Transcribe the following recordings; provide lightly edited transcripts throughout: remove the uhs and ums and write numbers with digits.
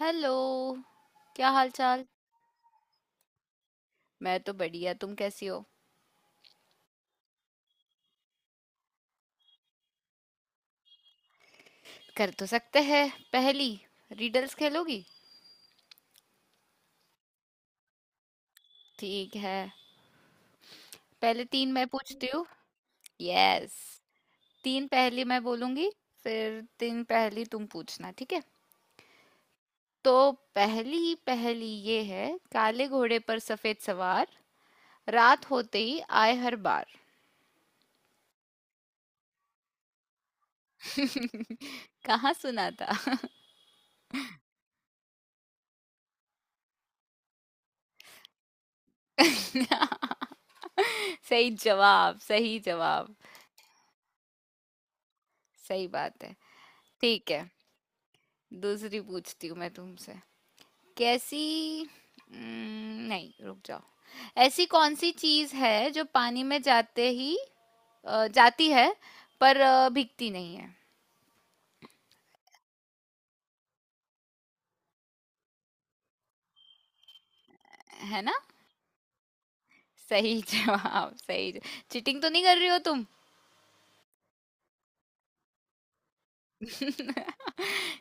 Hello. क्या हाल चाल। मैं तो बढ़िया, तुम कैसी हो। कर तो सकते हैं। पहली, रिडल्स खेलोगी? ठीक है, पहले तीन मैं पूछती हूँ। यस, तीन पहेली मैं बोलूंगी, फिर तीन पहेली तुम पूछना, ठीक है? तो पहली पहेली ये है। काले घोड़े पर सफेद सवार, रात होते ही आए हर बार। कहाँ सुना था? सही जवाब, सही जवाब। सही बात है। ठीक है, दूसरी पूछती हूँ मैं तुमसे। कैसी, नहीं, रुक जाओ। ऐसी कौन सी चीज है जो पानी में जाते ही जाती है, पर भीगती नहीं है? है ना। सही जवाब, सही जवाब। चीटिंग तो नहीं कर रही हो तुम?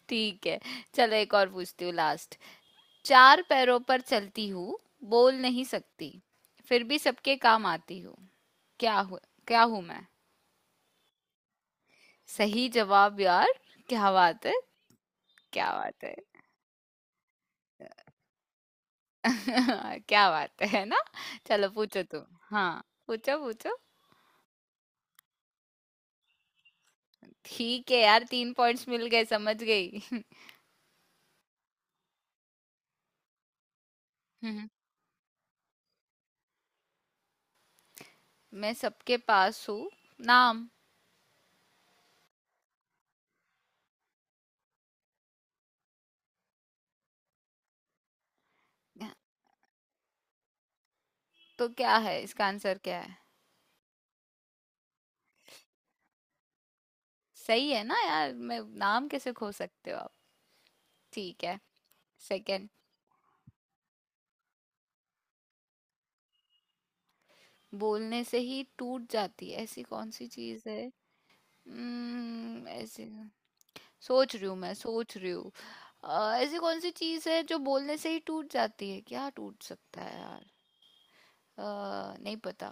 ठीक है, चलो एक और पूछती हूँ, लास्ट। चार पैरों पर चलती हूँ, बोल नहीं सकती, फिर भी सबके काम आती हूँ। क्या हूँ, क्या हूँ मैं? सही जवाब यार, क्या बात है। क्या बात है क्या बात है ना? चलो पूछो तुम। हाँ, पूछो पूछो। ठीक है यार, तीन पॉइंट्स मिल गए, समझ गई। हम्म, मैं सबके पास हूँ। नाम। तो क्या है, इसका आंसर क्या है? सही है ना यार, मैं नाम कैसे खो सकते हो आप। ठीक है। सेकंड। बोलने से ही टूट जाती है, ऐसी कौन सी चीज है? हम्म, ऐसी। सोच रही हूँ, मैं सोच रही हूँ। ऐसी कौन सी चीज है जो बोलने से ही टूट जाती है? क्या टूट सकता है यार? अ, नहीं पता।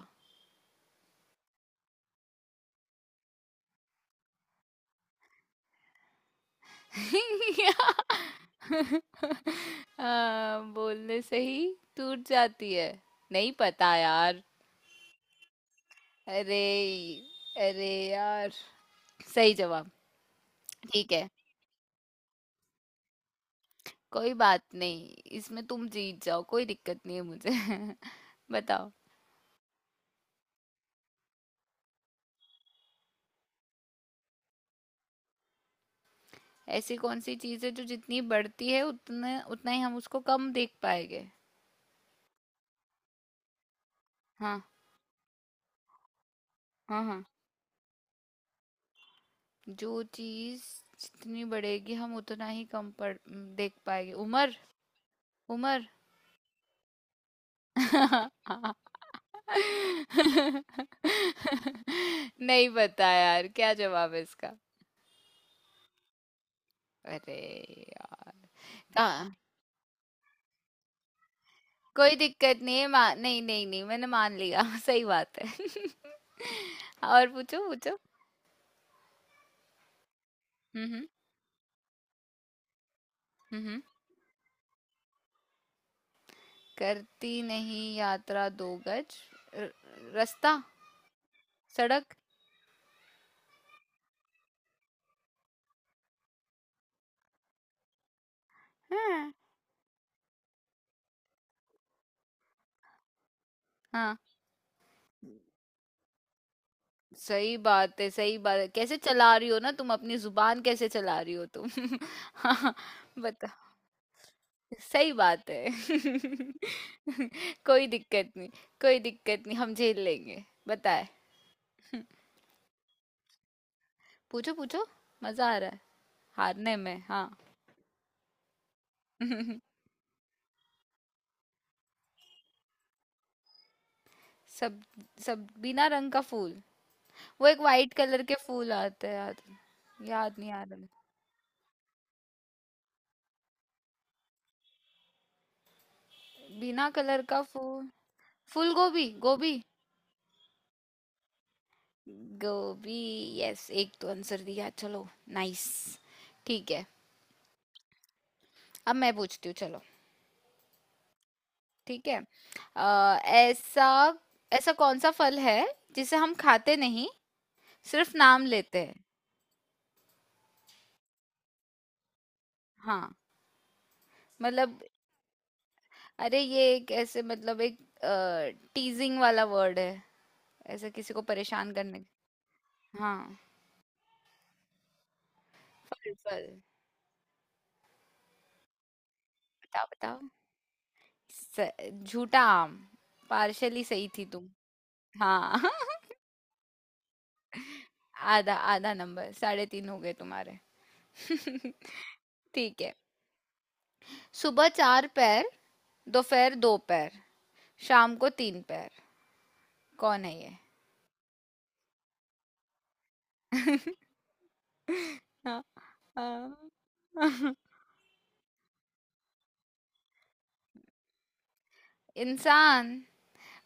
बोलने से ही टूट जाती है। नहीं पता यार। अरे, अरे यार, सही जवाब। ठीक है, कोई बात नहीं। इसमें तुम जीत जाओ, कोई दिक्कत नहीं है मुझे। बताओ। ऐसी कौन सी चीज़ है जो जितनी बढ़ती है, उतना उतना ही हम उसको कम देख पाएंगे? हाँ हाँ। हाँ, जो चीज़ जितनी बढ़ेगी, हम उतना ही कम पड़ देख पाएंगे। उम्र। उम्र। नहीं पता यार, क्या जवाब है इसका? अरे यार। हाँ, कोई दिक्कत नहीं है, नहीं नहीं नहीं मैंने मान लिया। सही बात है। और पूछो, पूछो। हम्म। हम्म, हम्म। करती नहीं यात्रा दो गज। र- रास्ता। सड़क। हाँ। हाँ, सही बात है, सही बात है। कैसे चला रही हो ना तुम अपनी जुबान, कैसे चला रही हो तुम। हाँ, सही बात है। कोई दिक्कत नहीं, कोई दिक्कत नहीं, हम झेल लेंगे। बताए। पूछो पूछो, मजा आ रहा है हारने में, हाँ। सब, बिना रंग का फूल, वो एक वाइट कलर के फूल आते हैं, याद। याद नहीं आ रहा। बिना कलर का फूल। फूल गोभी, गोभी। गोभी। यस, एक तो आंसर दिया, चलो। नाइस। ठीक है, अब मैं पूछती हूँ, चलो। ठीक है। ऐसा, ऐसा कौन सा फल है जिसे हम खाते नहीं, सिर्फ नाम लेते हैं? हाँ। मतलब, अरे ये एक ऐसे, मतलब एक टीजिंग वाला वर्ड है, ऐसे किसी को परेशान करने हाँ। फल फल। बताओ, बताओ। स- झूठा आम। पार्शली सही थी तुम। हाँ। आधा, आधा नंबर, साढ़े तीन हो गए तुम्हारे। ठीक है। सुबह चार पैर, दोपहर दो पैर, शाम को तीन पैर, कौन है ये? हाँ, हाँ। इंसान।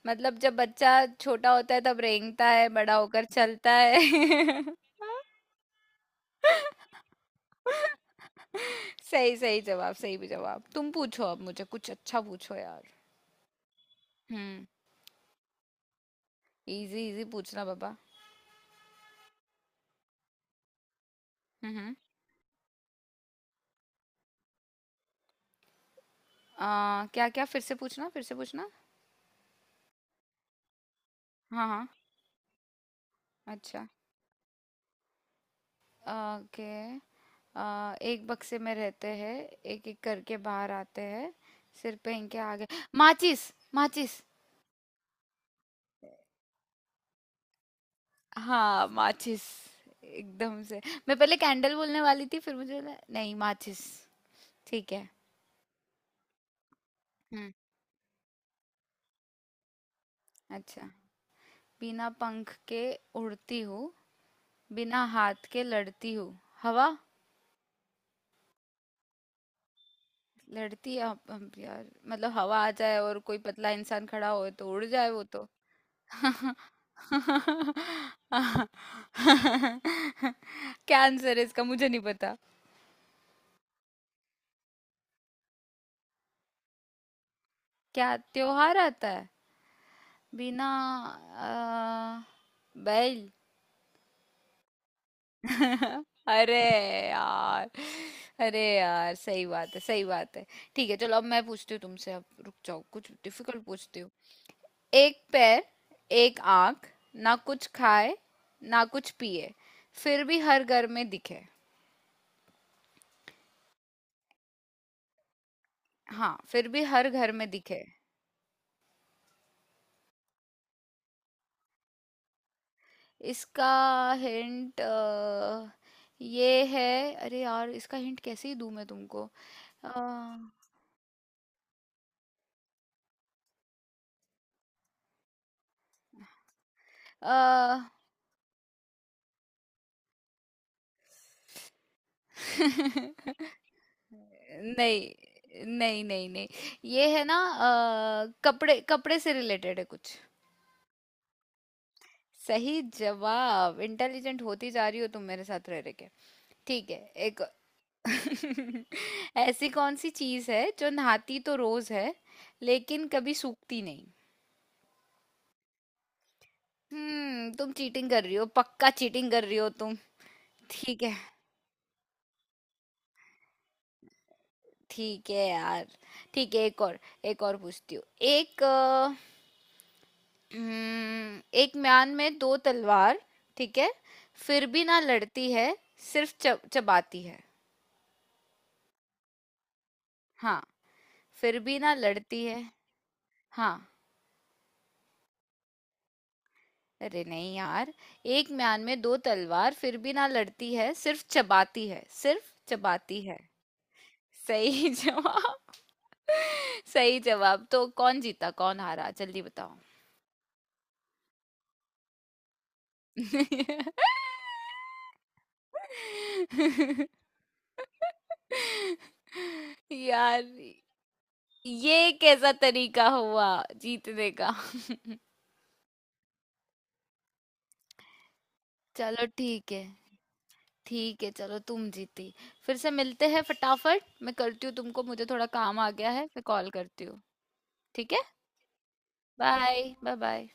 मतलब जब बच्चा छोटा होता है तब रेंगता है, बड़ा होकर चलता है। सही, सही जवाब, सही भी जवाब। तुम पूछो अब, मुझे कुछ अच्छा पूछो यार। हम्म। इजी, इजी पूछना बाबा। हम्म। आ, क्या क्या, फिर से पूछना, फिर से पूछना। हाँ हाँ। अच्छा, ओके। एक बक्से में रहते हैं, एक एक करके बाहर आते हैं, सिर पे इनके आगे। माचिस, माचिस। हाँ, माचिस, एकदम से। मैं पहले कैंडल बोलने वाली थी, फिर मुझे नहीं, माचिस। ठीक है। हम्म। अच्छा, बिना पंख के उड़ती हूँ, बिना हाथ के लड़ती हूँ। हवा। लड़ती है यार मतलब हवा आ जाए और कोई पतला इंसान खड़ा हो तो उड़ जाए वो तो। क्या आंसर है इसका, मुझे नहीं पता। क्या त्योहार आता है? बिना, अ, बैल। अरे यार। अरे यार, सही बात है, सही बात है। ठीक है, चलो अब मैं पूछती हूँ तुमसे, अब रुक जाओ, कुछ डिफिकल्ट पूछती हूँ। एक पैर, एक आंख, ना कुछ खाए, ना कुछ पिए, फिर भी हर घर में दिखे। हाँ, फिर भी हर घर में दिखे। इसका हिंट ये है, अरे यार इसका हिंट कैसे ही दूं मैं तुमको? अ, अ। नहीं नहीं नहीं, नहीं ये है ना, कपड़े, कपड़े से रिलेटेड है कुछ। सही जवाब, इंटेलिजेंट होती जा रही हो तुम मेरे साथ रह रह के। ठीक है। एक। ऐसी कौन सी चीज है जो नहाती तो रोज है, लेकिन कभी सूखती नहीं? हम्म, तुम चीटिंग कर रही हो, पक्का चीटिंग कर रही हो तुम। ठीक है। ठीक है यार, ठीक है, एक और, एक और पूछती हूँ। एक अ, एक म्यान में दो तलवार, ठीक है, फिर भी ना लड़ती है, सिर्फ चबाती है। हाँ, फिर भी ना लड़ती है। हाँ। अरे नहीं यार, एक म्यान में दो तलवार, फिर भी ना लड़ती है, सिर्फ चबाती है, सिर्फ चबाती है। सही जवाब, सही जवाब। तो कौन जीता, कौन हारा, जल्दी बताओ। यार, ये कैसा तरीका हुआ जीतने का? चलो ठीक है। ठीक है चलो, तुम जीती। फिर से मिलते हैं, फटाफट मैं करती हूँ तुमको, मुझे थोड़ा काम आ गया है, मैं कॉल करती हूँ। ठीक है। Bye bye bye.